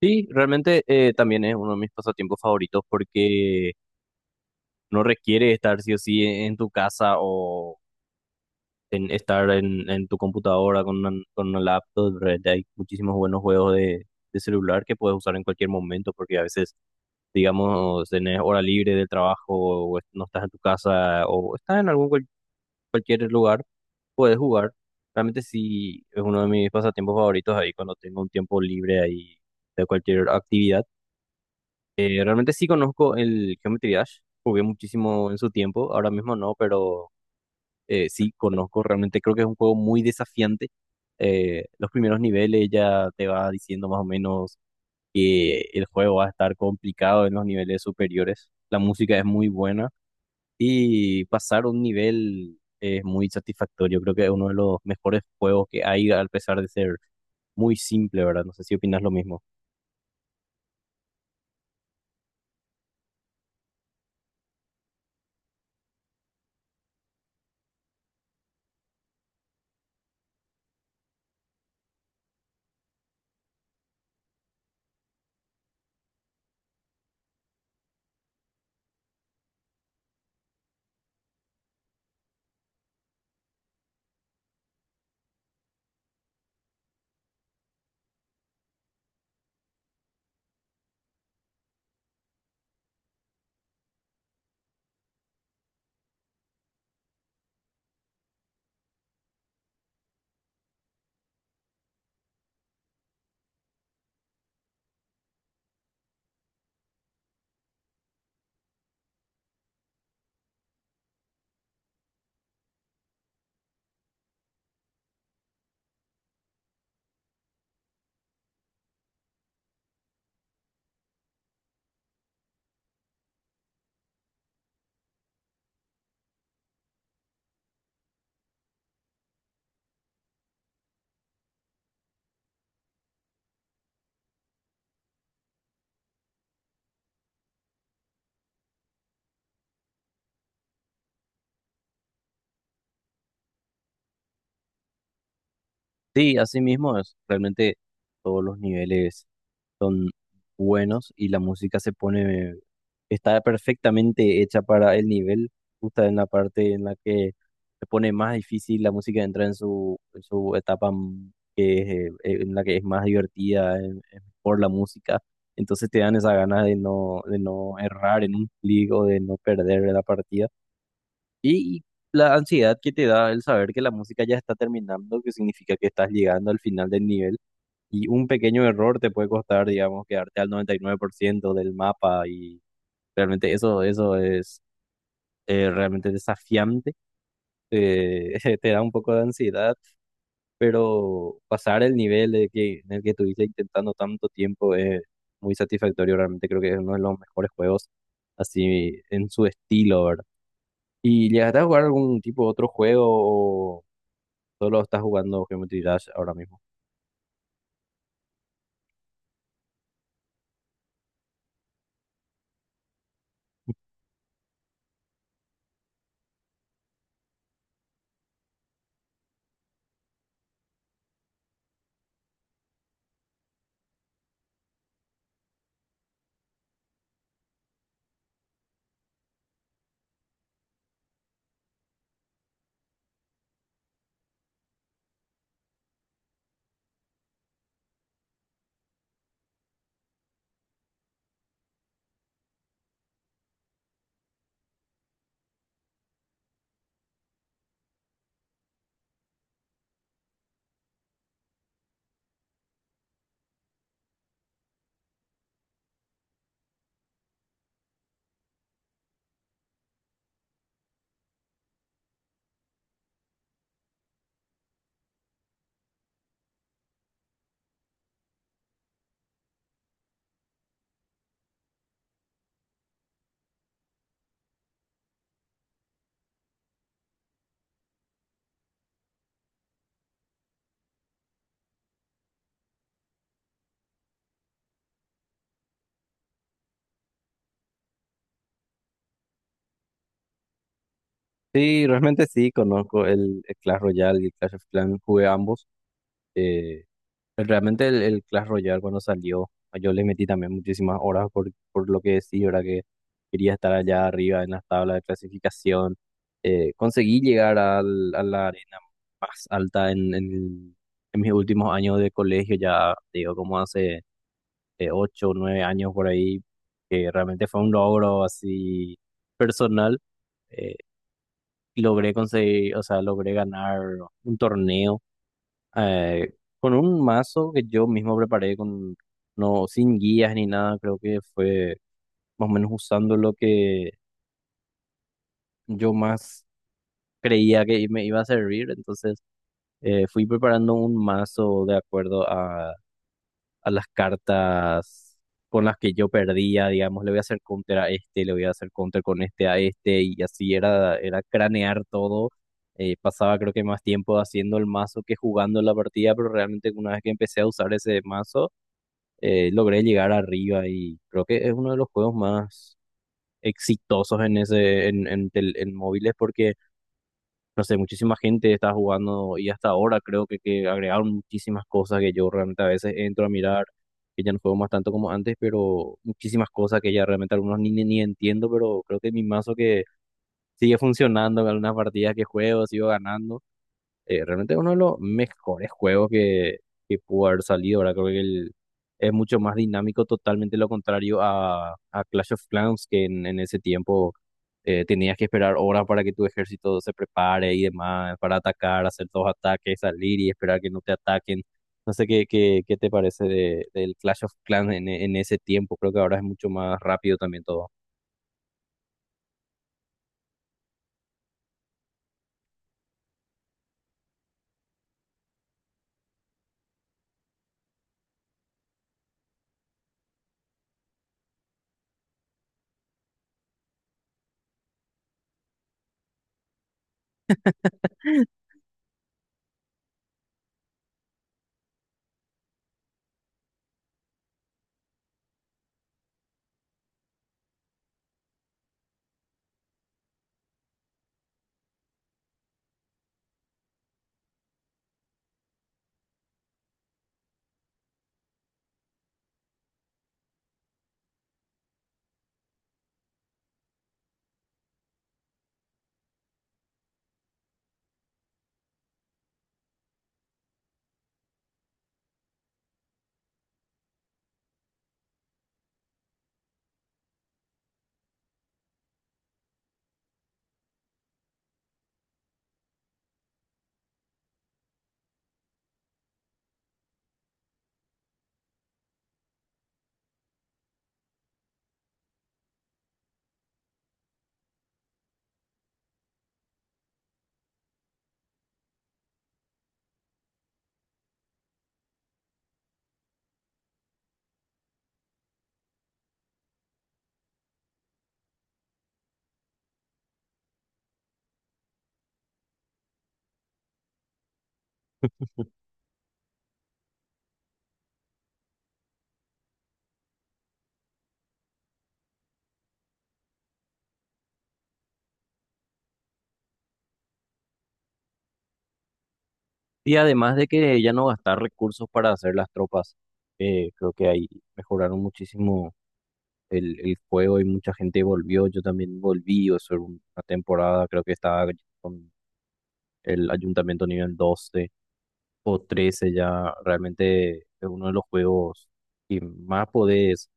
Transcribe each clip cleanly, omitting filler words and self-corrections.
Sí, realmente también es uno de mis pasatiempos favoritos porque no requiere estar sí o sí en tu casa o en tu computadora con con una laptop. Realmente hay muchísimos buenos juegos de celular que puedes usar en cualquier momento porque a veces, digamos, tenés hora libre del trabajo o no estás en tu casa o estás en algún cualquier lugar, puedes jugar. Realmente sí es uno de mis pasatiempos favoritos ahí cuando tengo un tiempo libre ahí de cualquier actividad. Realmente sí conozco el Geometry Dash, jugué muchísimo en su tiempo, ahora mismo no, pero sí conozco, realmente creo que es un juego muy desafiante. Los primeros niveles ya te va diciendo más o menos que el juego va a estar complicado en los niveles superiores. La música es muy buena y pasar un nivel es muy satisfactorio. Creo que es uno de los mejores juegos que hay, a pesar de ser muy simple, ¿verdad? No sé si opinas lo mismo. Sí, así mismo es. Realmente todos los niveles son buenos y la está perfectamente hecha para el nivel, justo en la parte en la que se pone más difícil, la música entra en en su que en la que es más divertida por la música, entonces te dan esa ganas de no errar en un clic o de no perder la partida. Y la ansiedad que te da el saber que la música ya está terminando, que significa que estás llegando al final del nivel y un pequeño error te puede costar, digamos, quedarte al 99% del mapa y realmente eso es realmente desafiante. Te da un poco de ansiedad, pero pasar el nivel en el que estuviste intentando tanto tiempo es muy satisfactorio. Realmente creo que es uno de los mejores juegos así en su estilo, ¿verdad? ¿Y llegaste a jugar algún tipo de otro juego o solo estás jugando Geometry Dash ahora mismo? Sí, realmente sí, conozco el Clash Royale y el Clash of Clans, jugué ambos. Eh, realmente el Clash Royale cuando salió, pues, yo le metí también muchísimas horas por lo que sí, ¿verdad? Que quería estar allá arriba en las tablas de clasificación. Conseguí llegar a la arena más alta en mis últimos años de colegio, ya te digo, como hace ocho o nueve años por ahí, que realmente fue un logro así personal. eh, Logré conseguir, o sea, logré ganar un torneo eh, con un mazo que yo mismo preparé no, sin guías ni nada. Creo que fue más o menos usando lo que yo más creía que me iba a servir, entonces fui preparando un mazo de acuerdo a las cartas con las que yo perdía. Digamos, le voy a hacer counter a este, le voy a hacer counter con este a este, y así era, era cranear todo. Pasaba creo que más tiempo haciendo el mazo que jugando la partida, pero realmente una vez que empecé a usar ese mazo, logré llegar arriba y creo que es uno de los juegos más exitosos en ese, en tel- en móviles, porque no sé, muchísima gente está jugando y hasta ahora creo que agregaron muchísimas cosas que yo realmente a veces entro a mirar, que ya no juego más tanto como antes, pero muchísimas cosas que ya realmente algunos ni entiendo, pero creo que mi mazo que sigue funcionando en algunas partidas que juego, sigo ganando. Realmente uno de los mejores juegos que pudo haber salido. Ahora creo que es mucho más dinámico, totalmente lo contrario a Clash of Clans, que en ese tiempo tenías que esperar horas para que tu ejército se prepare y demás, para atacar, hacer dos ataques, salir y esperar que no te ataquen. No sé qué te parece del Clash of Clans en, en ese tiempo. Creo que ahora es mucho más rápido también todo. Y además de que ya no gastar recursos para hacer las tropas, creo que ahí mejoraron muchísimo el juego y mucha gente volvió, yo también volví, o sea, una temporada creo que estaba con el ayuntamiento nivel 12 o 13 ya. Realmente es uno de los juegos que más podés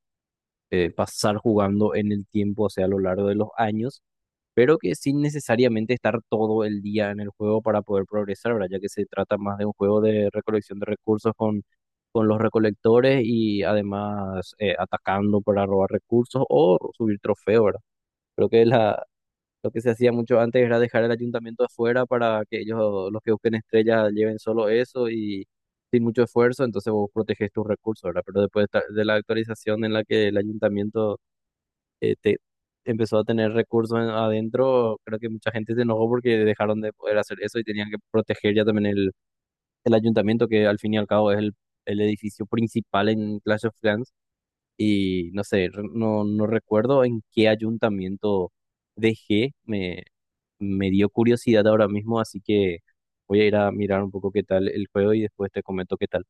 pasar jugando en el tiempo, o sea, a lo largo de los años, pero que sin necesariamente estar todo el día en el juego para poder progresar, ¿verdad? Ya que se trata más de un juego de recolección de recursos con los recolectores y además atacando para robar recursos o subir trofeos, ¿verdad? Creo que lo que se hacía mucho antes era dejar el ayuntamiento afuera para que ellos, los que busquen estrellas, lleven solo eso y sin mucho esfuerzo, entonces vos proteges tus recursos, ¿verdad? Pero después de la actualización en la que el ayuntamiento eh, te- empezó a tener recursos adentro, creo que mucha gente se enojó porque dejaron de poder hacer eso y tenían que proteger ya también el ayuntamiento, que al fin y al cabo es el edificio principal en Clash of Clans. Y no sé, no recuerdo en qué ayuntamiento dejé. Me dio curiosidad ahora mismo, así que voy a ir a mirar un poco qué tal el juego y después te comento qué tal.